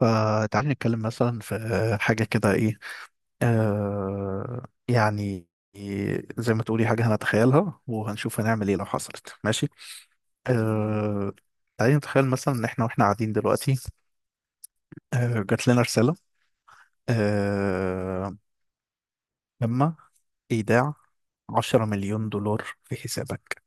فتعالي نتكلم مثلا في حاجة كده، إيه؟ آه يعني زي ما تقولي حاجة هنتخيلها وهنشوف هنعمل إيه لو حصلت. ماشي. آه تعالي نتخيل مثلا إن إحنا قاعدين دلوقتي. جات لنا رسالة. آه لما إيداع 10 مليون دولار في حسابك،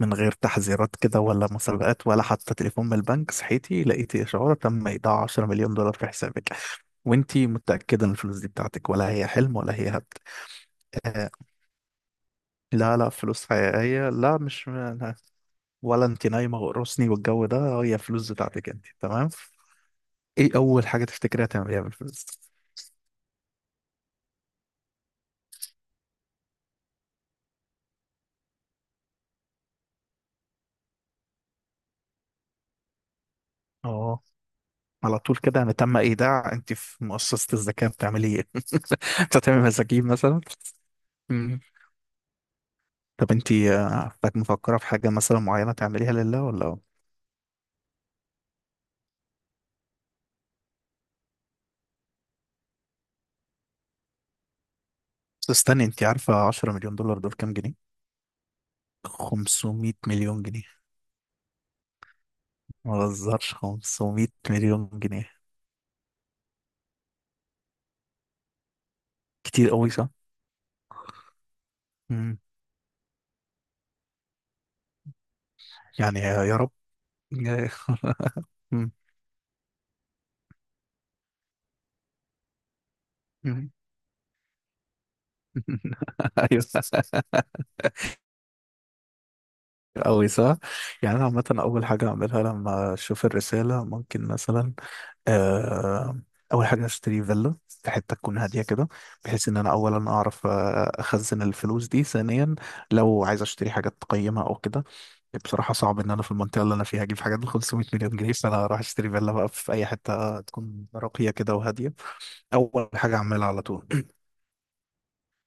من غير تحذيرات كده، ولا مسابقات، ولا حتى تليفون من البنك. صحيتي لقيتي إشعار: تم إيداع 10 مليون دولار في حسابك. وانتي متأكدة ان الفلوس دي بتاعتك، ولا هي حلم، ولا هي هبد؟ آه، لا، لا فلوس حقيقية، لا مش، ولا انتي نايمة وقرصني والجو ده، هي فلوس بتاعتك انتي، تمام. ايه أول حاجة تفتكريها تعمليها بالفلوس؟ اه، على طول كده يعني تم إيداع؟ انتي في مؤسسة الزكاة بتعملي ايه؟ بتعملي مساجين مثلا؟ طب انتي، عارفاك مفكرة في حاجة مثلا معينة تعمليها لله ولا؟ بس استني، انتي عارفة 10 مليون دولار دول كام جنيه؟ 500 مليون جنيه. ما بهزرش، 500 مليون جنيه. كتير قوي صح؟ مم. يعني يا رب. مم. مم. ايوه، أوي صح؟ يعني أنا عامة أول حاجة أعملها لما أشوف الرسالة ممكن مثلا، آه، أول حاجة أشتري فيلا في حتة تكون هادية كده، بحيث إن أنا أولا أعرف، أخزن الفلوس دي، ثانيا لو عايز أشتري حاجات قيمة أو كده. بصراحة صعب إن أنا في المنطقة اللي أنا فيها أجيب حاجات ب 500 مليون جنيه، فأنا هروح أشتري فيلا بقى في أي حتة تكون راقية كده وهادية. أول حاجة أعملها على طول.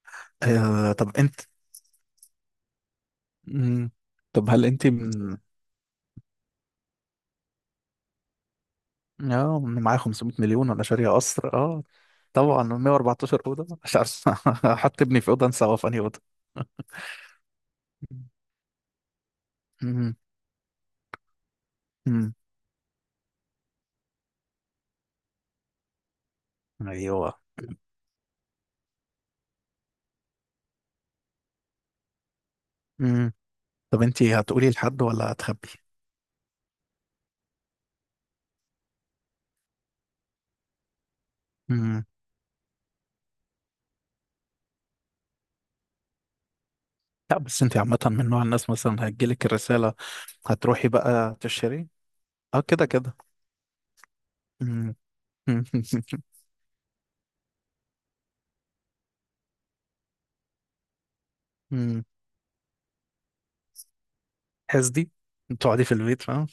طب أنت. مم. طب هل أنت من، اه معايا 500 مليون وانا شارية قصر. اه طبعا، 114 اوضه، مش عارف احط ابني في اوضه، انسى هو في انهي اوضه. مم. مم. ايوه. مم. طب انت هتقولي لحد ولا هتخبي؟ مم. لا، بس انت عامه من نوع الناس مثلا هتجيلك الرساله هتروحي بقى تشتري؟ اه كده كده. مم. مم. مم. حسدي. تقعدي في البيت، فاهم؟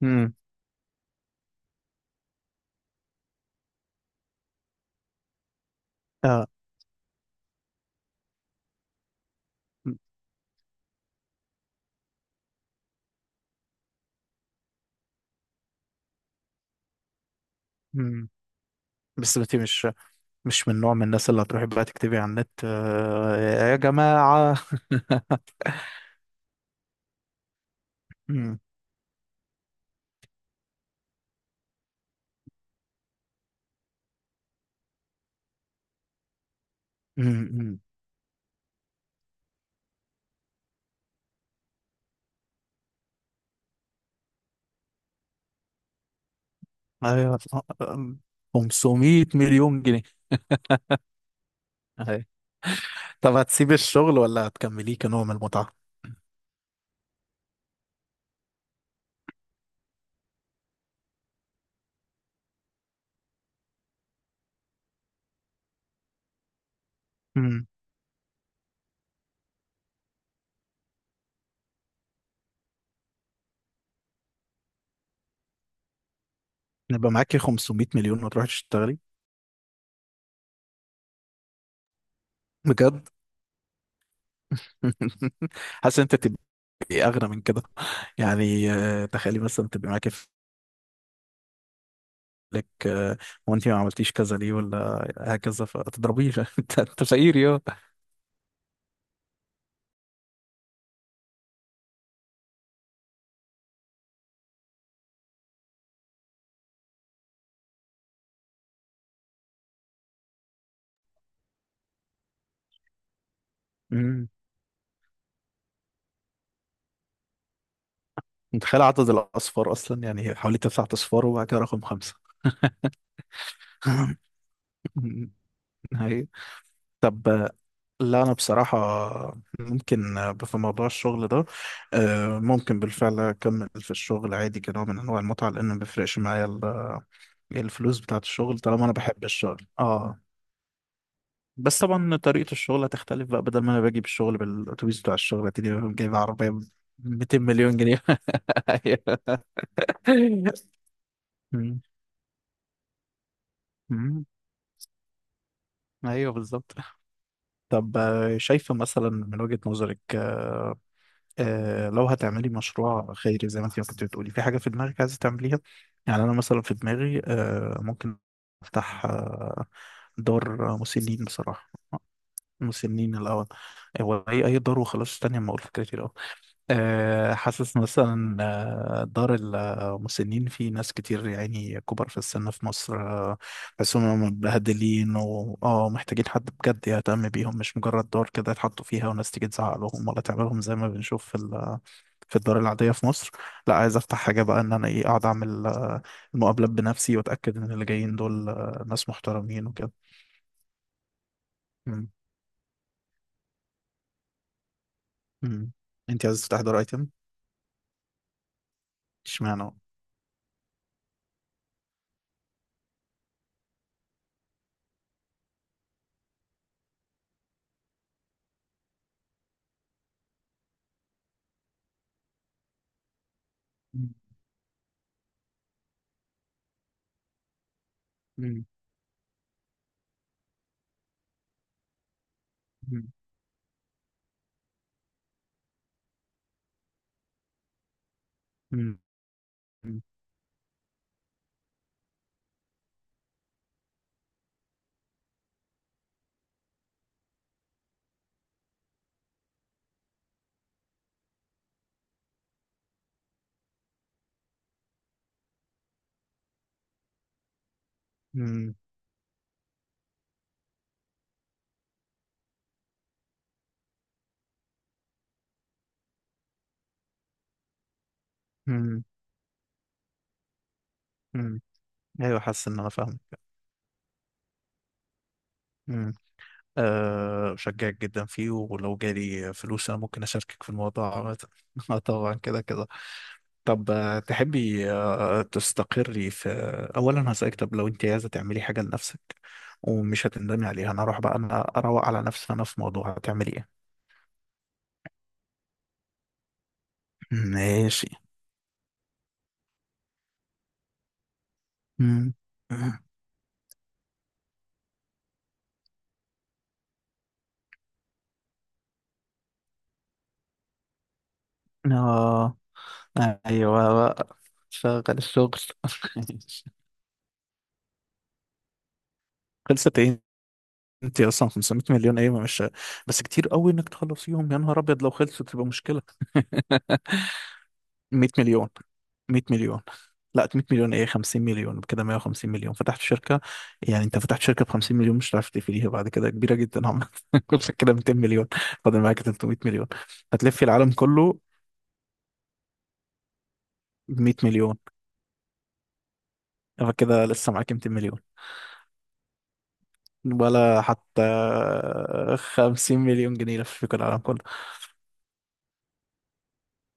مم. اه. مم. بس انت مش من نوع من الناس اللي هتروحي بقى تكتبي على النت، يا جماعة؟ مم، مم، مم. ايوه، آه، 500 مليون جنيه. أيوة. طب هتسيبي الشغل ولا هتكمليه كنوع من المتعة؟ مم. يبقى معاكي 500 مليون وتروحي تشتغلي؟ بجد؟ حاسس انت تبقي اغنى من كده. يعني، تخيلي مثلا تبقي معاكي لك، وانت ما عملتيش كذا ليه، ولا هكذا، فتضربيه. انت أنت فقير. يا متخيل عدد الأصفار، أصلا يعني حوالي تسعة أصفار وبعد كده رقم خمسة. هي، طب، لا أنا بصراحة ممكن، في موضوع الشغل ده، ممكن بالفعل أكمل في الشغل عادي كنوع من أنواع المتعة، لأن ما بيفرقش معايا يعني الفلوس بتاعة الشغل طالما أنا بحب الشغل، أه. بس طبعا طريقة الشغل هتختلف بقى، بدل ما أنا باجي بالشغل بالأتوبيس بتاع الشغل، هتلاقيني جايب عربية ب 200 مليون جنيه. أيوه. أمم، أيوه بالظبط. طب، شايفة مثلا من وجهة نظرك، لو هتعملي مشروع خيري زي ما انت كنت بتقولي في حاجة في دماغك عايزة تعمليها؟ يعني أنا مثلا في دماغي، ممكن أفتح، دار مسنين بصراحة. مسنين الأول، هو أي دار وخلاص، تانية ما أقول فكرتي الأول. حاسس مثلا، دار المسنين، في ناس كتير يعني كبار في السن في مصر، بحسهم متبهدلين و محتاجين حد بجد يهتم بيهم، مش مجرد دار كده يتحطوا فيها، وناس تيجي تزعق لهم، ولا تعملهم زي ما بنشوف في في الدار العادية في مصر. لا، عايز افتح حاجة بقى ان انا ايه، اقعد اعمل المقابلات بنفسي، واتاكد ان اللي جايين دول ناس محترمين وكده. مم. مم. انت عايز تفتح دار ايتم؟ اشمعنى؟ مم. مم. مم. مم. مم. مم. ايوه، حاسس ان انا فاهمك. امم. أه، بشجعك جدا فيه، ولو جالي فلوس انا ممكن اشاركك في الموضوع عامة. اه طبعا كده كده. طب، تحبي، تستقري في، اولا هسألك، طب لو انت عايزه تعملي حاجه لنفسك ومش هتندمي عليها، انا اروح بقى انا اروق على نفسي، انا في موضوع هتعملي ايه؟ ماشي. امم. اه، ايوه بقى، شغل الشغل. خلصت ايه؟ انت اصلا 500 مليون ايه مش، بس كتير قوي انك تخلصيهم، يا نهار ابيض لو خلصوا تبقى مشكله. 100 مليون، 100 مليون. لا 100 مليون ايه، 50 مليون كده، 150 مليون فتحت شركه. يعني انت فتحت شركه ب 50 مليون، مش هتعرف تقفليها بعد كده، كبيره جدا. عملت كل كده 200 مليون. فاضل معاك 300 مليون. هتلفي العالم كله ب 100 مليون. فكده لسه معاك 200 مليون. ولا حتى 50 مليون جنيه لفيكوا العالم كله.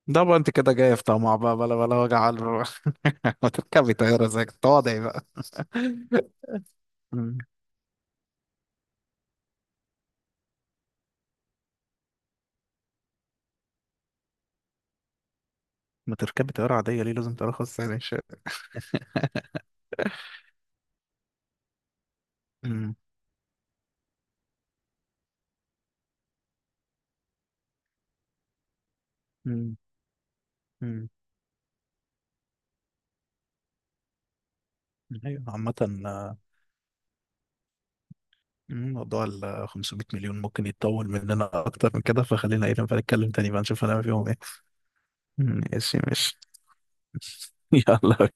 ده بقى انت كده جاي في طمع بقى، بلا بلا وجع على الروح. ما تركبي طيارة زيك، تواضعي بقى. مم. ما تركبي طيارة عادية ليه، لازم ترخص يعني شيء؟ مم. مم. مم. ايوه عامة. آه، مم، موضوع ال 500 مليون ممكن يتطول مننا أكتر من كده، فخلينا ايه نبقى نتكلم تاني بقى نشوف هنعمل فيهم ايه. مم، ماشي ماشي. يلا.